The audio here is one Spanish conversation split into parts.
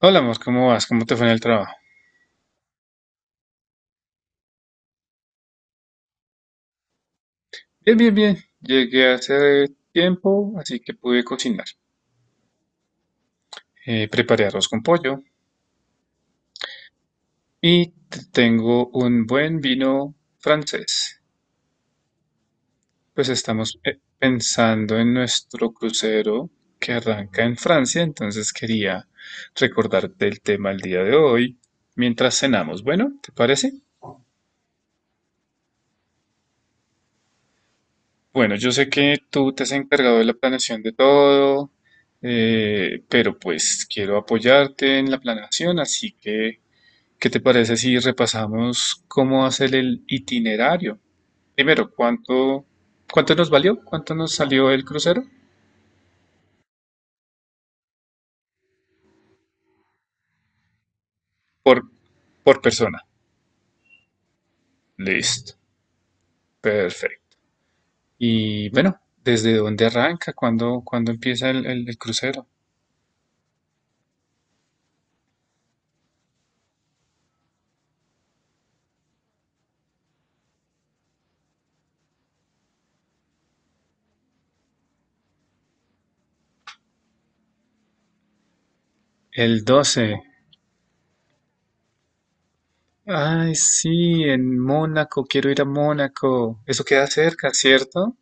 Hola, Mos, ¿cómo vas? ¿Cómo te fue en el trabajo? Bien, bien, bien. Llegué hace tiempo, así que pude cocinar. Preparé arroz con pollo y tengo un buen vino francés. Pues estamos pensando en nuestro crucero que arranca en Francia, entonces quería recordarte el tema el día de hoy mientras cenamos. Bueno, ¿te parece? Bueno, yo sé que tú te has encargado de la planeación de todo, pero pues quiero apoyarte en la planeación, así que ¿qué te parece si repasamos cómo hacer el itinerario? Primero, ¿cuánto nos valió? ¿Cuánto nos salió el crucero? Por, por persona. Listo. Perfecto. Y bueno, ¿desde dónde arranca? ¿Cuándo empieza el crucero? El 12. Ay, sí, en Mónaco, quiero ir a Mónaco. Eso queda cerca, ¿cierto?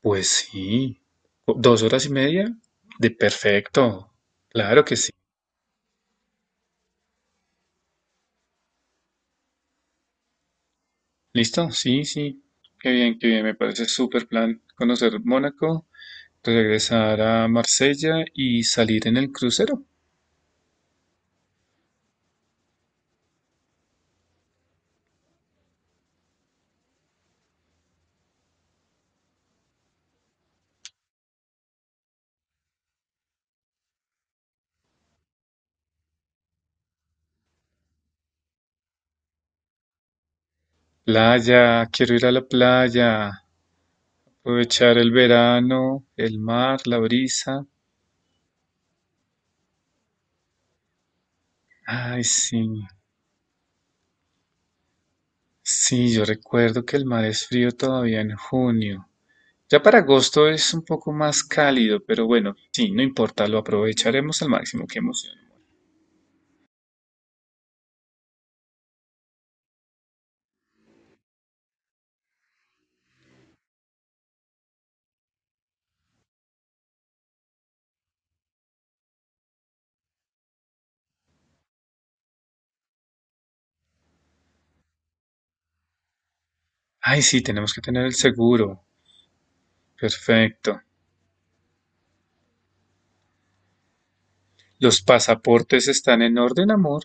Pues sí. ¿2 horas y media? De perfecto. Claro que sí. ¿Listo? Sí, sí. Qué bien, qué bien. Me parece súper plan conocer Mónaco, regresar a Marsella y salir en el crucero. Playa, quiero ir a la playa, aprovechar el verano, el mar, la brisa. Ay, sí. Sí, yo recuerdo que el mar es frío todavía en junio. Ya para agosto es un poco más cálido, pero bueno, sí, no importa, lo aprovecharemos al máximo. Qué emoción. Ay, sí, tenemos que tener el seguro. Perfecto. Los pasaportes están en orden, amor.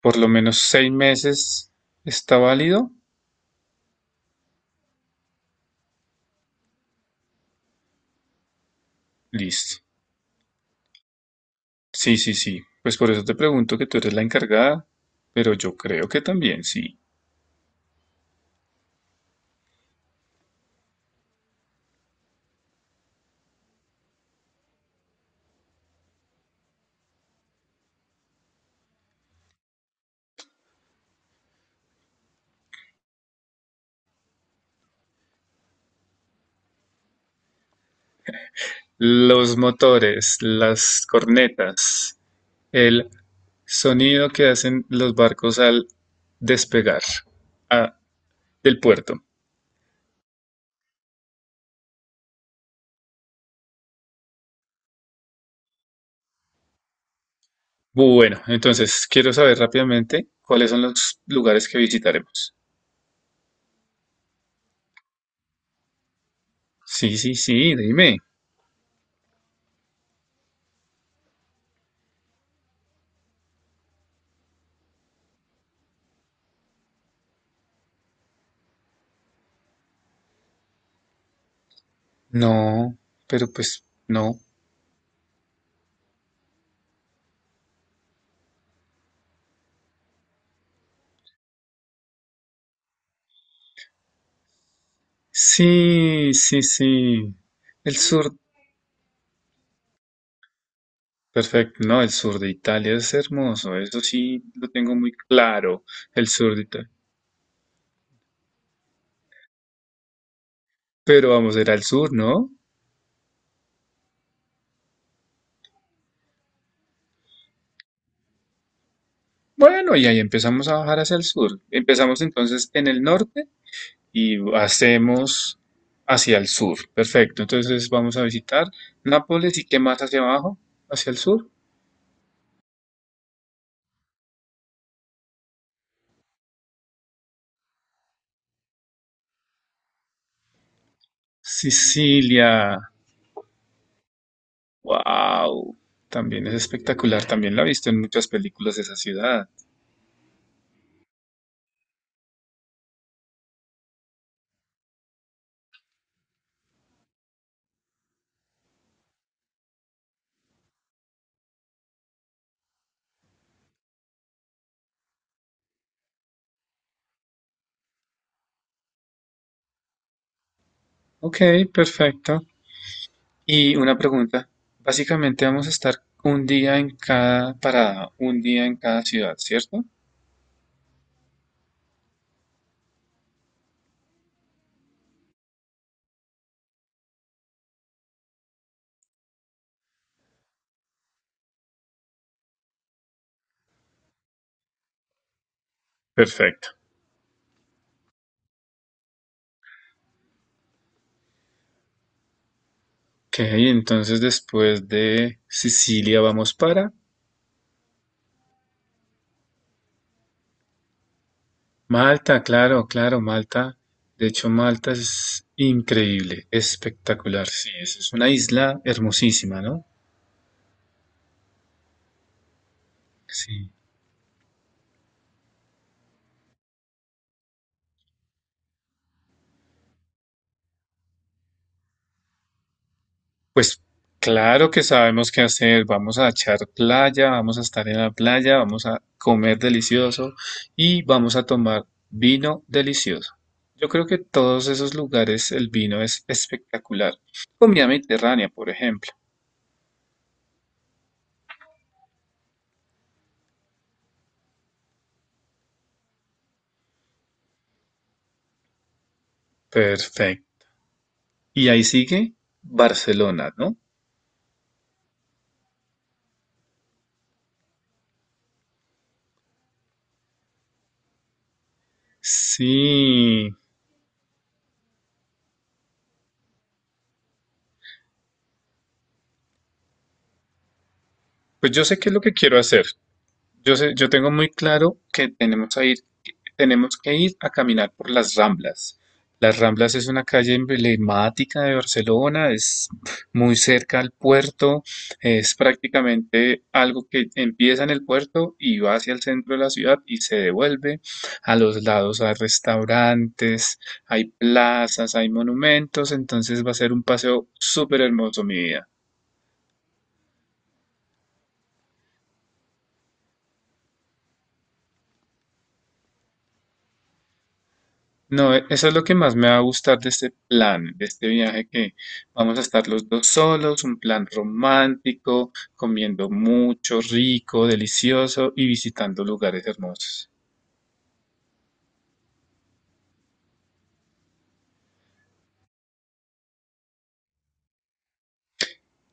Por lo menos 6 meses está válido. Listo. Sí, sí, sí. Pues por eso te pregunto que tú eres la encargada, pero yo creo que también sí. Los motores, las cornetas. El sonido que hacen los barcos al despegar ah, del puerto. Bueno, entonces quiero saber rápidamente cuáles son los lugares que visitaremos. Sí, sí, sí, dime. No, pero pues no. Sí, sí, sí. El sur, perfecto. No, el sur de Italia es hermoso. Eso sí, lo tengo muy claro. El sur de Italia. Pero vamos a ir al sur, ¿no? Bueno, y ahí empezamos a bajar hacia el sur. Empezamos entonces en el norte y hacemos hacia el sur. Perfecto. Entonces vamos a visitar Nápoles y qué más hacia abajo, hacia el sur. Sicilia. Wow. También es espectacular. También la he visto en muchas películas de esa ciudad. Ok, perfecto. Y una pregunta. Básicamente vamos a estar un día en cada parada, un día en cada ciudad, ¿cierto? Perfecto. Ok, entonces después de Sicilia vamos para Malta, claro, claro, Malta. De hecho, Malta es increíble, espectacular, sí, es una isla hermosísima, ¿no? Sí. Pues claro que sabemos qué hacer, vamos a echar playa, vamos a estar en la playa, vamos a comer delicioso y vamos a tomar vino delicioso. Yo creo que todos esos lugares el vino es espectacular. Comida mediterránea, por ejemplo. Perfecto. Y ahí sigue Barcelona, ¿no? Sí, pues yo sé qué es lo que quiero hacer. Yo sé, yo tengo muy claro que tenemos a ir, tenemos que ir a caminar por las Ramblas. Las Ramblas es una calle emblemática de Barcelona, es muy cerca al puerto, es prácticamente algo que empieza en el puerto y va hacia el centro de la ciudad y se devuelve. A los lados hay restaurantes, hay plazas, hay monumentos, entonces va a ser un paseo súper hermoso, mi vida. No, eso es lo que más me va a gustar de este plan, de este viaje que vamos a estar los dos solos, un plan romántico, comiendo mucho, rico, delicioso y visitando lugares hermosos.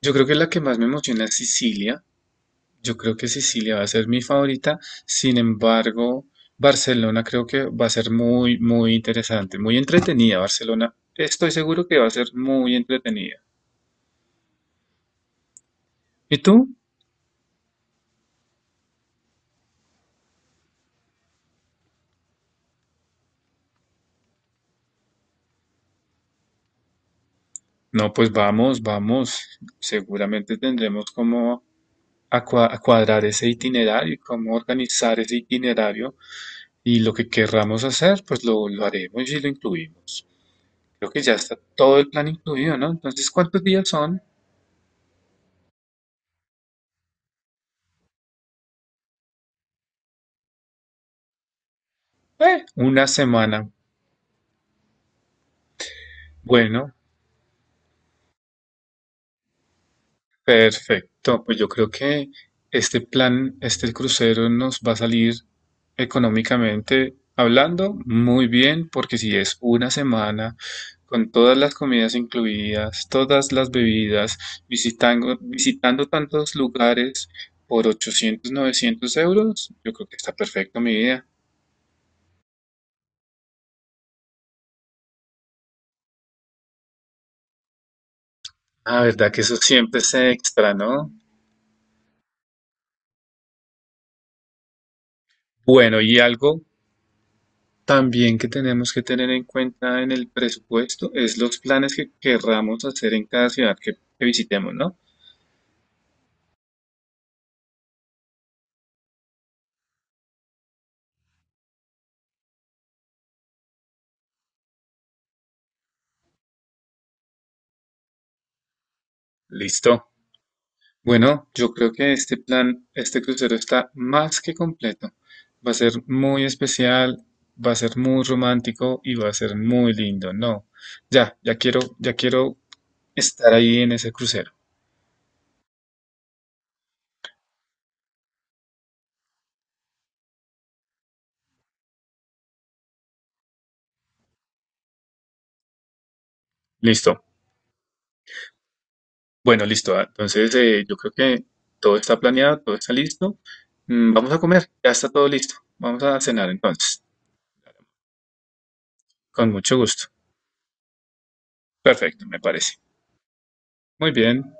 Yo creo que la que más me emociona es Sicilia. Yo creo que Sicilia va a ser mi favorita. Sin embargo, Barcelona creo que va a ser muy, muy interesante, muy entretenida. Barcelona, estoy seguro que va a ser muy entretenida. ¿Y tú? No, pues vamos, vamos. Seguramente tendremos como a cuadrar ese itinerario y cómo organizar ese itinerario y lo que querramos hacer, pues lo haremos y lo incluimos. Creo que ya está todo el plan incluido, ¿no? Entonces, ¿cuántos días son? Una semana. Bueno, perfecto, pues yo creo que este plan, este crucero nos va a salir económicamente hablando muy bien, porque si es una semana con todas las comidas incluidas, todas las bebidas, visitando tantos lugares por 800, 900 euros, yo creo que está perfecto mi idea. Ah, verdad que eso siempre se extra, ¿no? Bueno, y algo también que tenemos que tener en cuenta en el presupuesto es los planes que querramos hacer en cada ciudad que visitemos, ¿no? Listo. Bueno, yo creo que este plan, este crucero está más que completo. Va a ser muy especial, va a ser muy romántico y va a ser muy lindo, ¿no? Ya quiero estar ahí en ese crucero. Listo. Bueno, listo. Entonces, yo creo que todo está planeado, todo está listo. Vamos a comer, ya está todo listo. Vamos a cenar entonces. Con mucho gusto. Perfecto, me parece. Muy bien.